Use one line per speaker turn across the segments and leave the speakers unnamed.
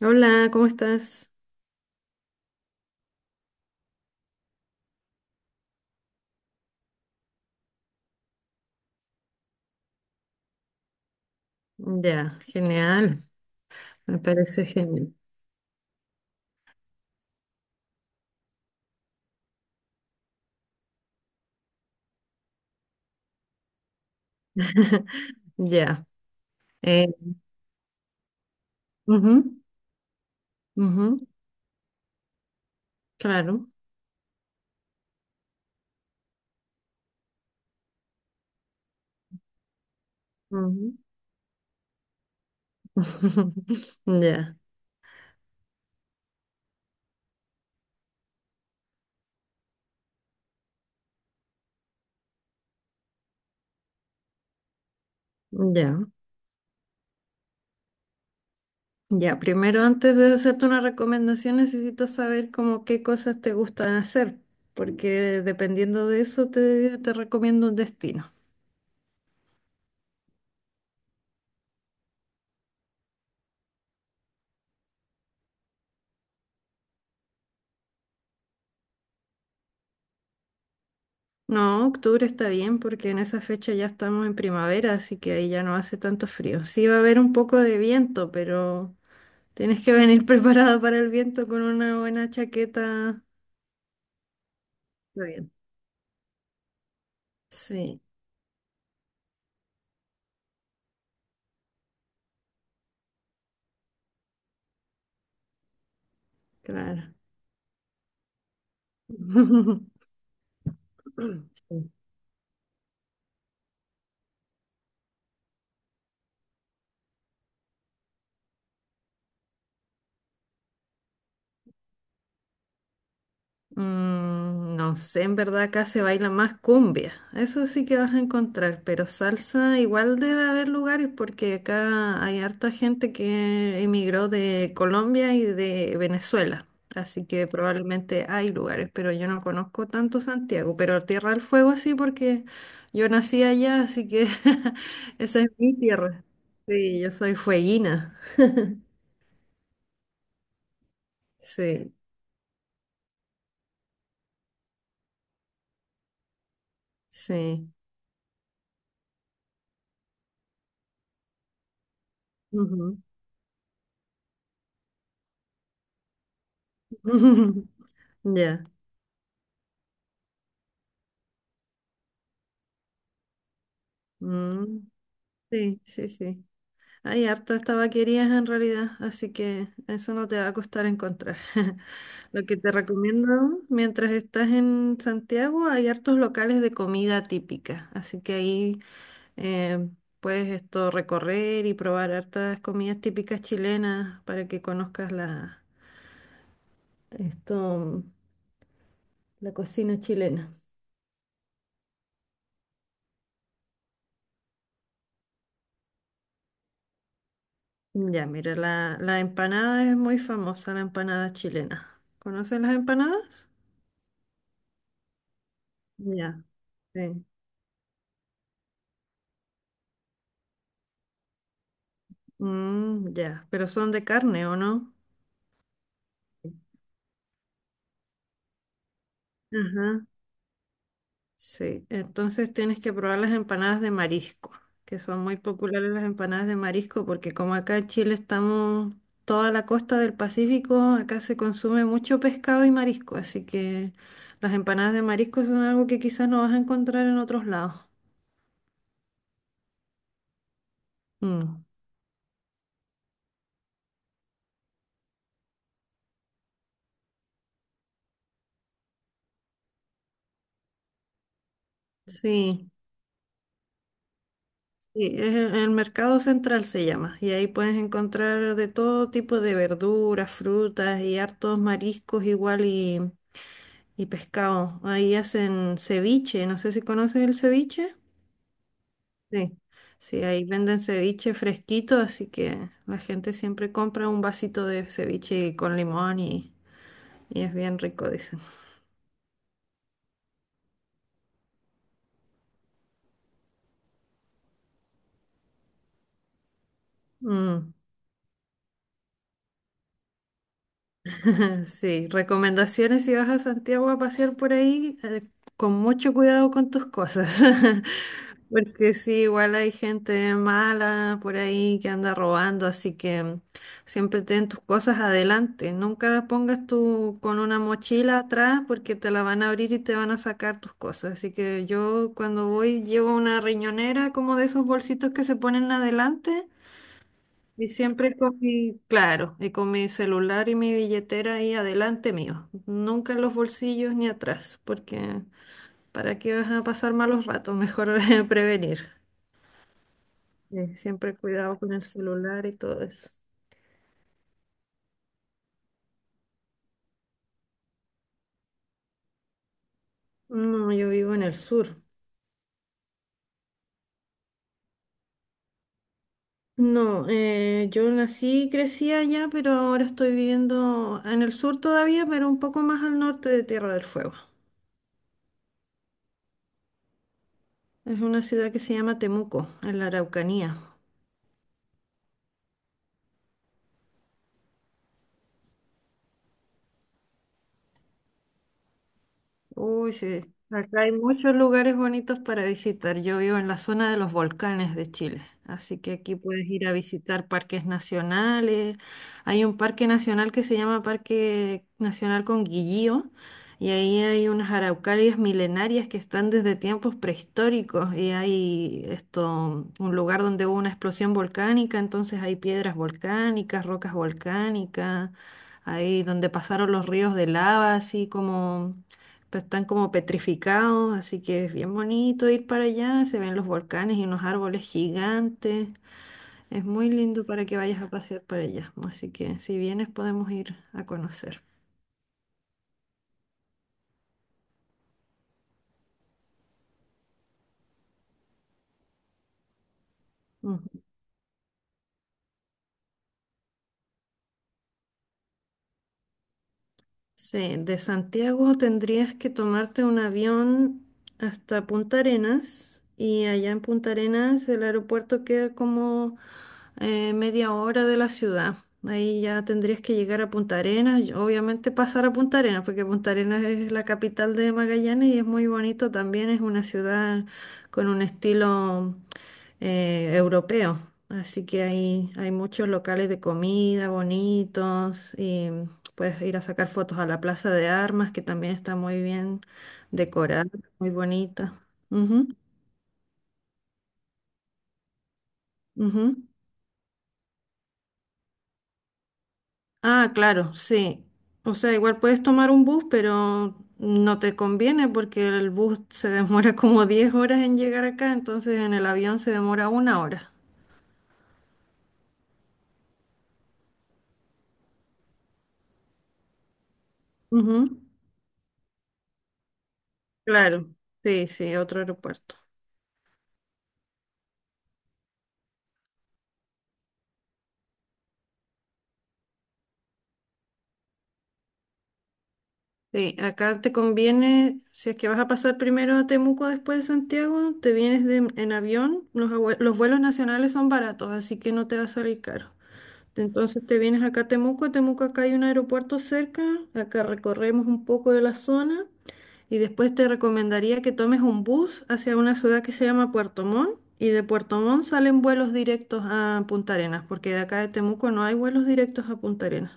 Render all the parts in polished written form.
Hola, ¿cómo estás? Ya, genial, me parece genial. Ya, eh, ujú, ujú, claro. Ujú. Ya, ya, ya. Primero, antes de hacerte una recomendación, necesito saber como qué cosas te gustan hacer, porque dependiendo de eso te recomiendo un destino. No, octubre está bien porque en esa fecha ya estamos en primavera, así que ahí ya no hace tanto frío. Sí va a haber un poco de viento, pero... Tienes que venir preparada para el viento con una buena chaqueta. Está bien. Sí, claro. Sí. Mm, no sé, en verdad acá se baila más cumbia. Eso sí que vas a encontrar, pero salsa igual debe haber lugares porque acá hay harta gente que emigró de Colombia y de Venezuela. Así que probablemente hay lugares, pero yo no conozco tanto Santiago, pero Tierra del Fuego sí porque yo nací allá, así que esa es mi tierra. Sí, yo soy fueguina. Sí, sí. Ujú. Ya. Mm. Sí, sí, sí. Hay hartas tabaquerías en realidad, así que eso no te va a costar encontrar. Lo que te recomiendo, mientras estás en Santiago, hay hartos locales de comida típica, así que ahí eh, puedes esto recorrer y probar hartas comidas típicas chilenas para que conozcas esto, la cocina chilena. Ya, mira, la empanada es muy famosa, la empanada chilena. ¿Conoces las empanadas? Ya. Sí. Mm, ya, pero son de carne, ¿o no? Ajá. Sí, entonces tienes que probar las empanadas de marisco, que son muy populares las empanadas de marisco, porque como acá en Chile estamos toda la costa del Pacífico, acá se consume mucho pescado y marisco, así que las empanadas de marisco son algo que quizás no vas a encontrar en otros lados. Mm. Sí. Sí, es el mercado central se llama, y ahí puedes encontrar de todo tipo de verduras, frutas y hartos mariscos igual y pescado. Ahí hacen ceviche, no sé si conoces el ceviche. Sí, sí, ahí venden ceviche fresquito, así que la gente siempre compra un vasito de ceviche con limón y es bien rico, dicen. Mm. Sí, recomendaciones si vas a Santiago a pasear por ahí, con mucho cuidado con tus cosas, porque sí, igual hay gente mala por ahí que anda robando, así que mm, siempre ten tus cosas adelante, nunca las pongas tú con una mochila atrás porque te la van a abrir y te van a sacar tus cosas, así que yo cuando voy llevo una riñonera como de esos bolsitos que se ponen adelante. Y siempre con mi, claro, y con mi celular y mi billetera ahí adelante mío. Nunca en los bolsillos ni atrás, porque ¿para qué vas a pasar malos ratos? Mejor prevenir. Siempre cuidado con el celular y todo eso. No, yo vivo en el sur. No, yo nací y crecí allá, pero ahora estoy viviendo en el sur todavía, pero un poco más al norte de Tierra del Fuego. Es una ciudad que se llama Temuco, en la Araucanía. Uy, sí. Acá hay muchos lugares bonitos para visitar. Yo vivo en la zona de los volcanes de Chile, así que aquí puedes ir a visitar parques nacionales. Hay un parque nacional que se llama Parque Nacional Conguillío y ahí hay unas araucarias milenarias que están desde tiempos prehistóricos y hay esto, un lugar donde hubo una explosión volcánica, entonces hay piedras volcánicas, rocas volcánicas, ahí donde pasaron los ríos de lava, así como pues, están como petrificados, así que es bien bonito ir para allá. Se ven los volcanes y unos árboles gigantes. Es muy lindo para que vayas a pasear para allá. Así que si vienes podemos ir a conocer. Sí, de Santiago tendrías que tomarte un avión hasta Punta Arenas y allá en Punta Arenas el aeropuerto queda como media hora de la ciudad. Ahí ya tendrías que llegar a Punta Arenas, y obviamente pasar a Punta Arenas, porque Punta Arenas es la capital de Magallanes y es muy bonito también, es una ciudad con un estilo europeo. Así que ahí hay muchos locales de comida bonitos. Puedes ir a sacar fotos a la Plaza de Armas, que también está muy bien decorada, muy bonita. Ujú, ujú. Ah, claro, sí. O sea, igual puedes tomar un bus, pero no te conviene porque el bus se demora como 10 horas en llegar acá, entonces en el avión se demora una hora. Ujú. Claro, sí, sí, otro aeropuerto. Sí, acá te conviene, si es que vas a pasar primero a Temuco después de Santiago, te vienes en avión, los vuelos nacionales son baratos, así que no te va a salir caro. Entonces te vienes acá a Temuco acá hay un aeropuerto cerca, acá recorremos un poco de la zona y después te recomendaría que tomes un bus hacia una ciudad que se llama Puerto Montt y de Puerto Montt salen vuelos directos a Punta Arenas, porque de acá de Temuco no hay vuelos directos a Punta Arenas.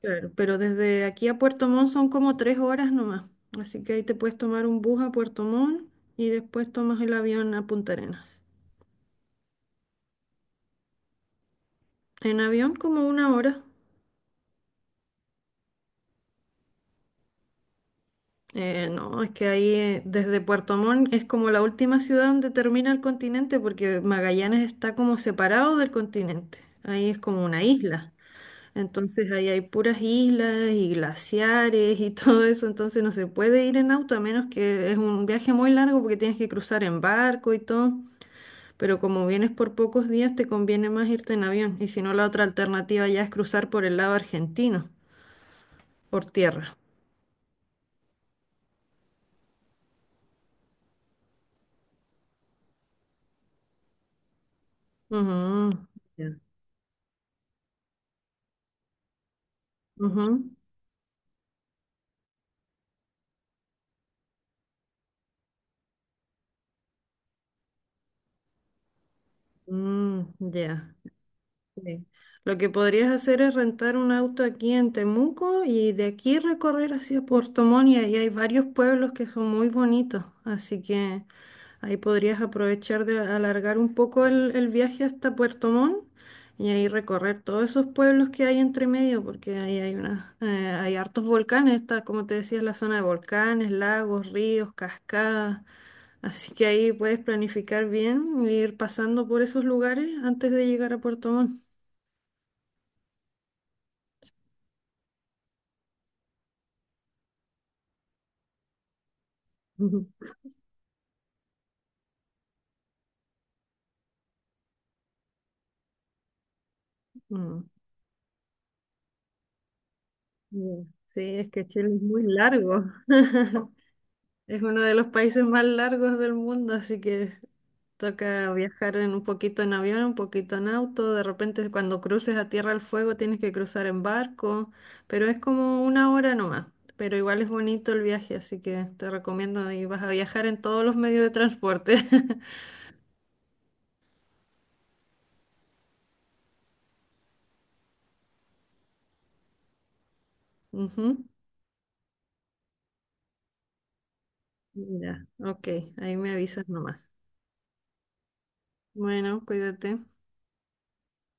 Claro, pero desde aquí a Puerto Montt son como 3 horas nomás. Así que ahí te puedes tomar un bus a Puerto Montt y después tomas el avión a Punta Arenas. En avión como una hora. No, es que ahí desde Puerto Montt es como la última ciudad donde termina el continente porque Magallanes está como separado del continente. Ahí es como una isla. Entonces ahí hay puras islas y glaciares y todo eso. Entonces no se puede ir en auto a menos que es un viaje muy largo porque tienes que cruzar en barco y todo. Pero como vienes por pocos días, te conviene más irte en avión. Y si no, la otra alternativa ya es cruzar por el lado argentino, por tierra. Ujú. Ya. Ujú, mm, ya. Sí. Lo que podrías hacer es rentar un auto aquí en Temuco y de aquí recorrer hacia Puerto Montt y ahí hay varios pueblos que son muy bonitos, así que ahí podrías aprovechar de alargar un poco el viaje hasta Puerto Montt y ahí recorrer todos esos pueblos que hay entre medio, porque ahí hay hay hartos volcanes, está, como te decía, la zona de volcanes, lagos, ríos, cascadas. Así que ahí puedes planificar bien, e ir pasando por esos lugares antes de llegar a Puerto Montt. Ujú. Mm, ya. Sí, es que Chile es muy largo. Es uno de los países más largos del mundo, así que toca viajar en un poquito en avión, un poquito en auto. De repente, cuando cruces a Tierra del Fuego, tienes que cruzar en barco, pero es como una hora nomás. Pero igual es bonito el viaje, así que te recomiendo y vas a viajar en todos los medios de transporte. Ujú. Ya, ok, ahí me avisas nomás. Bueno, cuídate.